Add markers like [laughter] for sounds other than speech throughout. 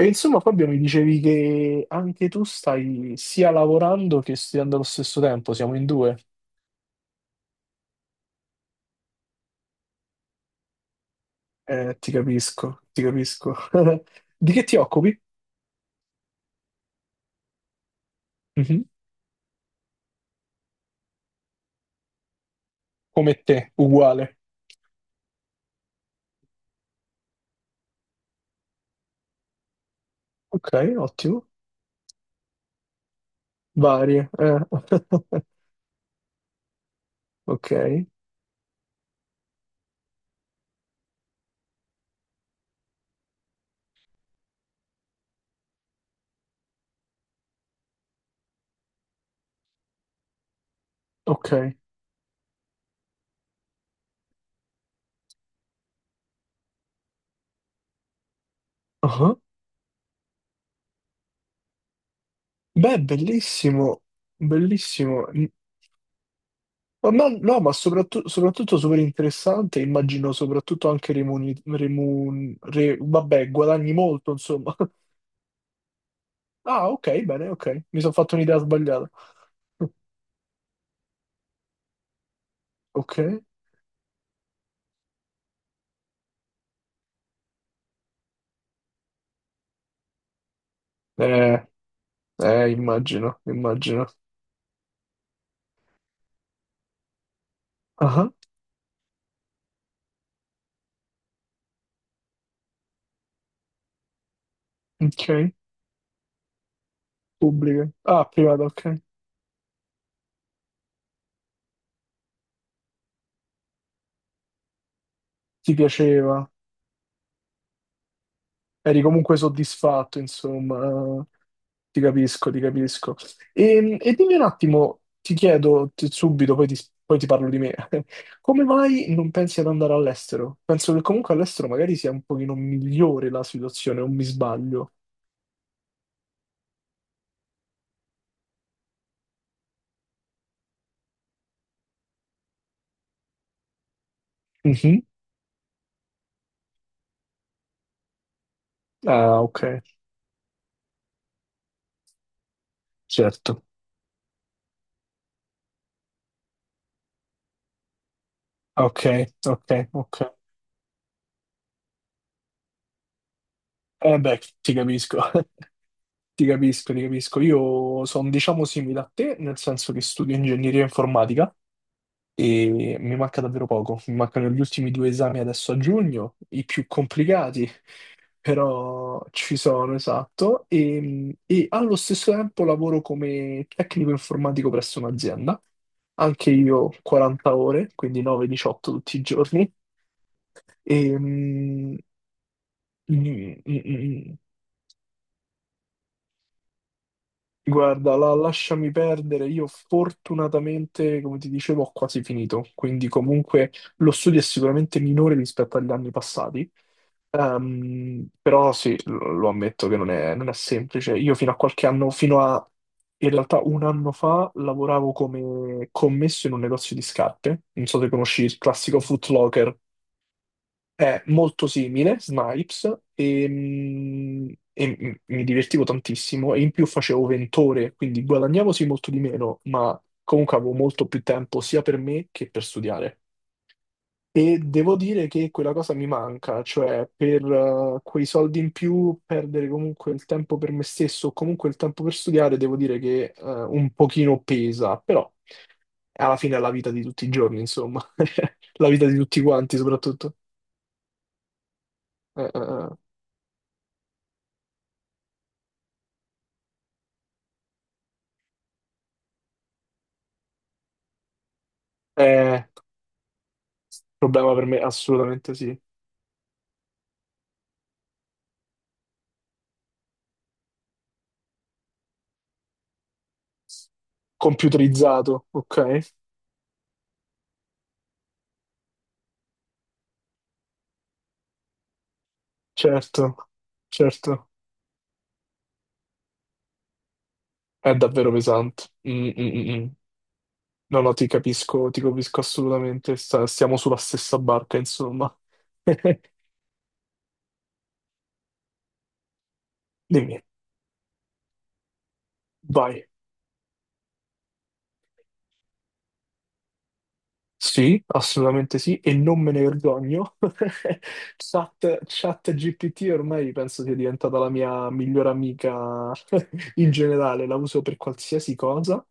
E insomma, Fabio, mi dicevi che anche tu stai sia lavorando che studiando allo stesso tempo, siamo in due. Ti capisco, ti capisco. [laughs] Di che ti occupi? Mhm. Come te, uguale. Ok, ottimo. Varie. [laughs] Ok, ok. Ah. Beh, bellissimo, bellissimo. Mm. No, ma soprattutto, soprattutto super interessante, immagino soprattutto anche vabbè, guadagni molto, insomma. [laughs] Ah, ok, bene, ok. Mi sono fatto un'idea sbagliata. [laughs] Ok. Eh, immagino, immagino. Ah, ok. Pubblica. Ah, privata, ok. Ti piaceva. Eri comunque soddisfatto, insomma. Eh, Ti capisco, ti capisco. E dimmi un attimo, subito, poi ti parlo di me. [laughs] Come mai non pensi ad andare all'estero? Penso che comunque all'estero magari sia un pochino migliore la situazione, o mi sbaglio. Mhm. Ah, ok, certo. Ok, ok. Eh beh, ti capisco, [laughs] ti capisco, ti capisco. Io sono, diciamo, simile a te, nel senso che studio ingegneria informatica e mi manca davvero poco. Mi mancano gli ultimi due esami adesso a giugno, i più complicati, [laughs] però ci sono, esatto. E allo stesso tempo lavoro come tecnico informatico presso un'azienda, anche io 40 ore, quindi 9-18 tutti i giorni. E, mm, mm, mm, mm. Guarda, lasciami perdere, io fortunatamente, come ti dicevo, ho quasi finito, quindi comunque lo studio è sicuramente minore rispetto agli anni passati. Però sì, lo ammetto che non è semplice. Io fino a qualche anno, fino a In realtà un anno fa, lavoravo come commesso in un negozio di scarpe, non so se conosci il classico Foot Locker. È molto simile, Snipes, e, mi divertivo tantissimo e in più facevo 20 ore, quindi guadagnavo sì molto di meno, ma comunque avevo molto più tempo sia per me che per studiare. E devo dire che quella cosa mi manca, cioè per quei soldi in più perdere comunque il tempo per me stesso o comunque il tempo per studiare, devo dire che un pochino pesa, però alla fine è la vita di tutti i giorni, insomma, [laughs] la vita di tutti quanti soprattutto. Eh. Eh, problema per me, assolutamente sì. Computerizzato, ok? Certo, certo. È davvero pesante. Mm, mm, mm, mm. No, no, ti capisco assolutamente. Stiamo sulla stessa barca, insomma. [laughs] Dimmi, vai. Sì, assolutamente sì, e non me ne vergogno. [laughs] Chat GPT ormai penso sia diventata la mia migliore amica [laughs] in generale, la uso per qualsiasi cosa.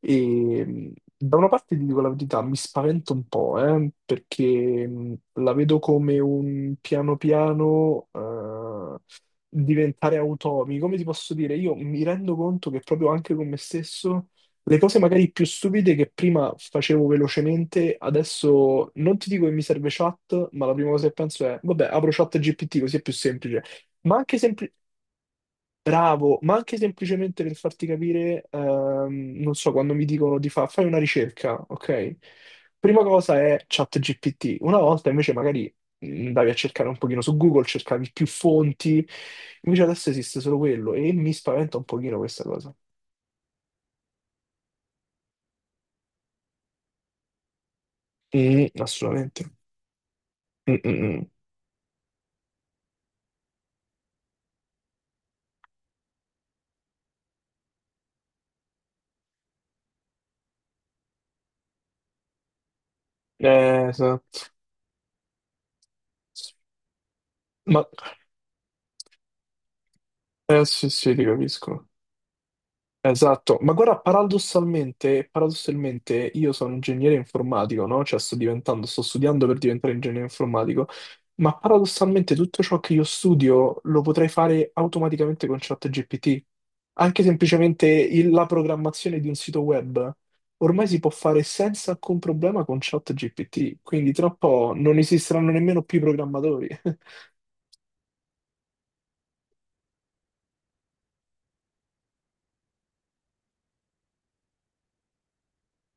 E da una parte ti dico la verità, mi spavento un po', perché la vedo come un piano piano diventare automi. Come ti posso dire? Io mi rendo conto che proprio anche con me stesso le cose magari più stupide che prima facevo velocemente, adesso non ti dico che mi serve chat, ma la prima cosa che penso è, vabbè, apro chat GPT così è più semplice. Ma anche sempli- Bravo, ma anche semplicemente per farti capire, non so, quando mi dicono di fai una ricerca, ok? Prima cosa è chat GPT. Una volta invece magari andavi a cercare un pochino su Google, cercavi più fonti, invece adesso esiste solo quello e mi spaventa un pochino questa cosa. Mm, assolutamente. Mm-mm. Esatto. Ma sì, sì, ti capisco. Esatto, ma guarda, paradossalmente, paradossalmente io sono ingegnere informatico, no? Cioè sto diventando, sto studiando per diventare ingegnere informatico, ma paradossalmente tutto ciò che io studio lo potrei fare automaticamente con ChatGPT. Anche semplicemente la programmazione di un sito web ormai si può fare senza alcun problema con ChatGPT, quindi tra un po' non esisteranno nemmeno più i programmatori.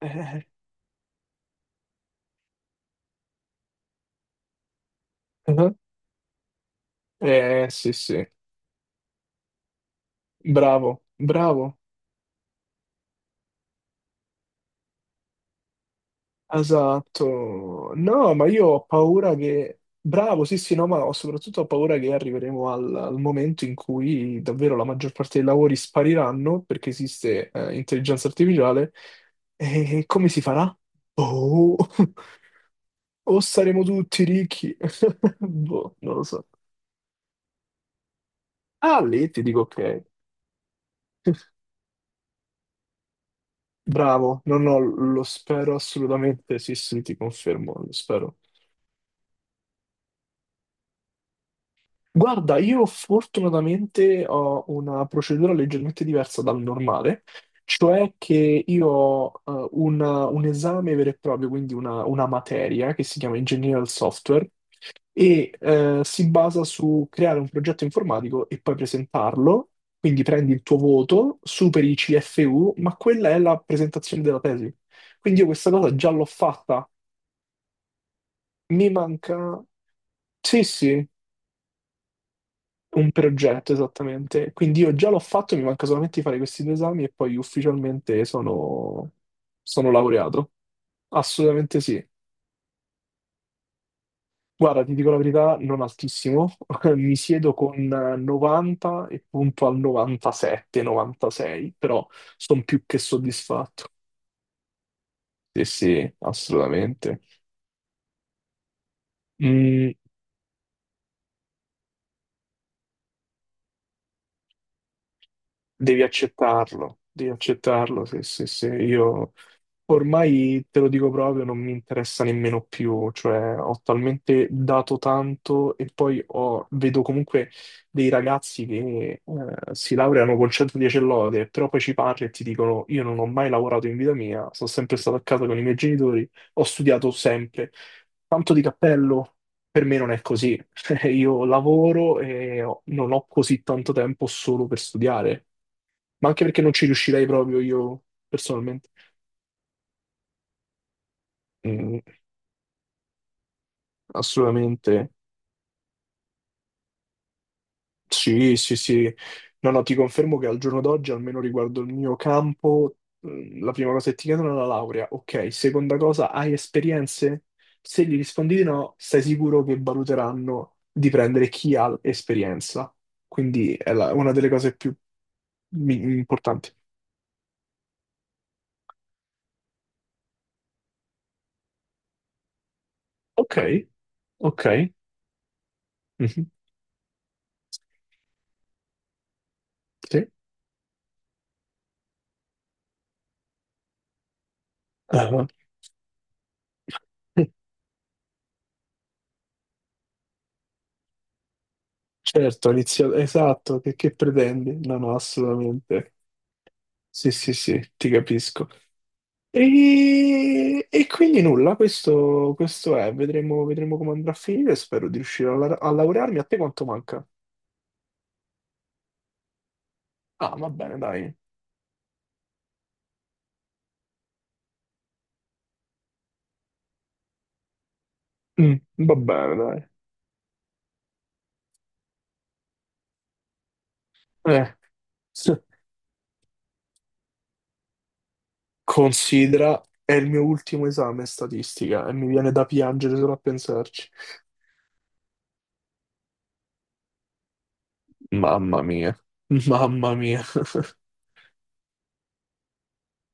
[laughs] Eh. Eh sì, sì, bravo, bravo, esatto. No, ma io ho paura che... Bravo, sì, sì, no, soprattutto ho paura che arriveremo al momento in cui davvero la maggior parte dei lavori spariranno perché esiste intelligenza artificiale. E come si farà? Boh. [laughs] O saremo tutti ricchi? [laughs] Boh, non lo so. Ah, lì ti dico ok. Bravo, no, no, lo spero assolutamente, sì, sì, ti confermo, lo spero. Guarda, io fortunatamente ho una procedura leggermente diversa dal normale, cioè che io ho un esame vero e proprio, quindi una materia che si chiama Engineering del Software e si basa su creare un progetto informatico e poi presentarlo, quindi prendi il tuo voto, superi i CFU, ma quella è la presentazione della tesi. Quindi io questa cosa già l'ho fatta, mi manca... Sì, sì. Un progetto, esattamente. Quindi io già l'ho fatto, mi manca solamente di fare questi due esami e poi ufficialmente sono, sono laureato. Assolutamente sì. Guarda, ti dico la verità, non altissimo. [laughs] Mi siedo con 90 e punto al 97, 96, però sono più che soddisfatto. Sì, sì, assolutamente. Mm, devi accettarlo, sì, sì, sì. Io ormai te lo dico proprio, non mi interessa nemmeno più, cioè ho talmente dato tanto e poi vedo comunque dei ragazzi che si laureano con 110 lode, però poi ci parli e ti dicono io non ho mai lavorato in vita mia, sono sempre stato a casa con i miei genitori, ho studiato sempre. Tanto di cappello, per me non è così. [laughs] Io lavoro e non ho così tanto tempo solo per studiare, ma anche perché non ci riuscirei proprio io personalmente. Mm. Assolutamente. Sì, sì, sì. No, no, ti confermo che al giorno d'oggi, almeno riguardo il mio campo, la prima cosa che ti chiedono è la laurea. Ok, seconda cosa, hai esperienze? Se gli rispondi di no, stai sicuro che valuteranno di prendere chi ha esperienza. Quindi è una delle cose più importanti. Ok, ok. Mhm, sì. Ah, [laughs] certo, ho iniziato, esatto, che pretendi? No, no, assolutamente. Sì, sì, sì, ti capisco. E quindi nulla, questo è, vedremo, vedremo come andrà a finire, spero di riuscire a, a laurearmi. A te quanto manca? Ah, va bene, dai. Mm, va bene, dai. Eh, [laughs] sì. Considera, è il mio ultimo esame statistica e mi viene da piangere solo a pensarci. Mamma mia, mamma mia. [laughs]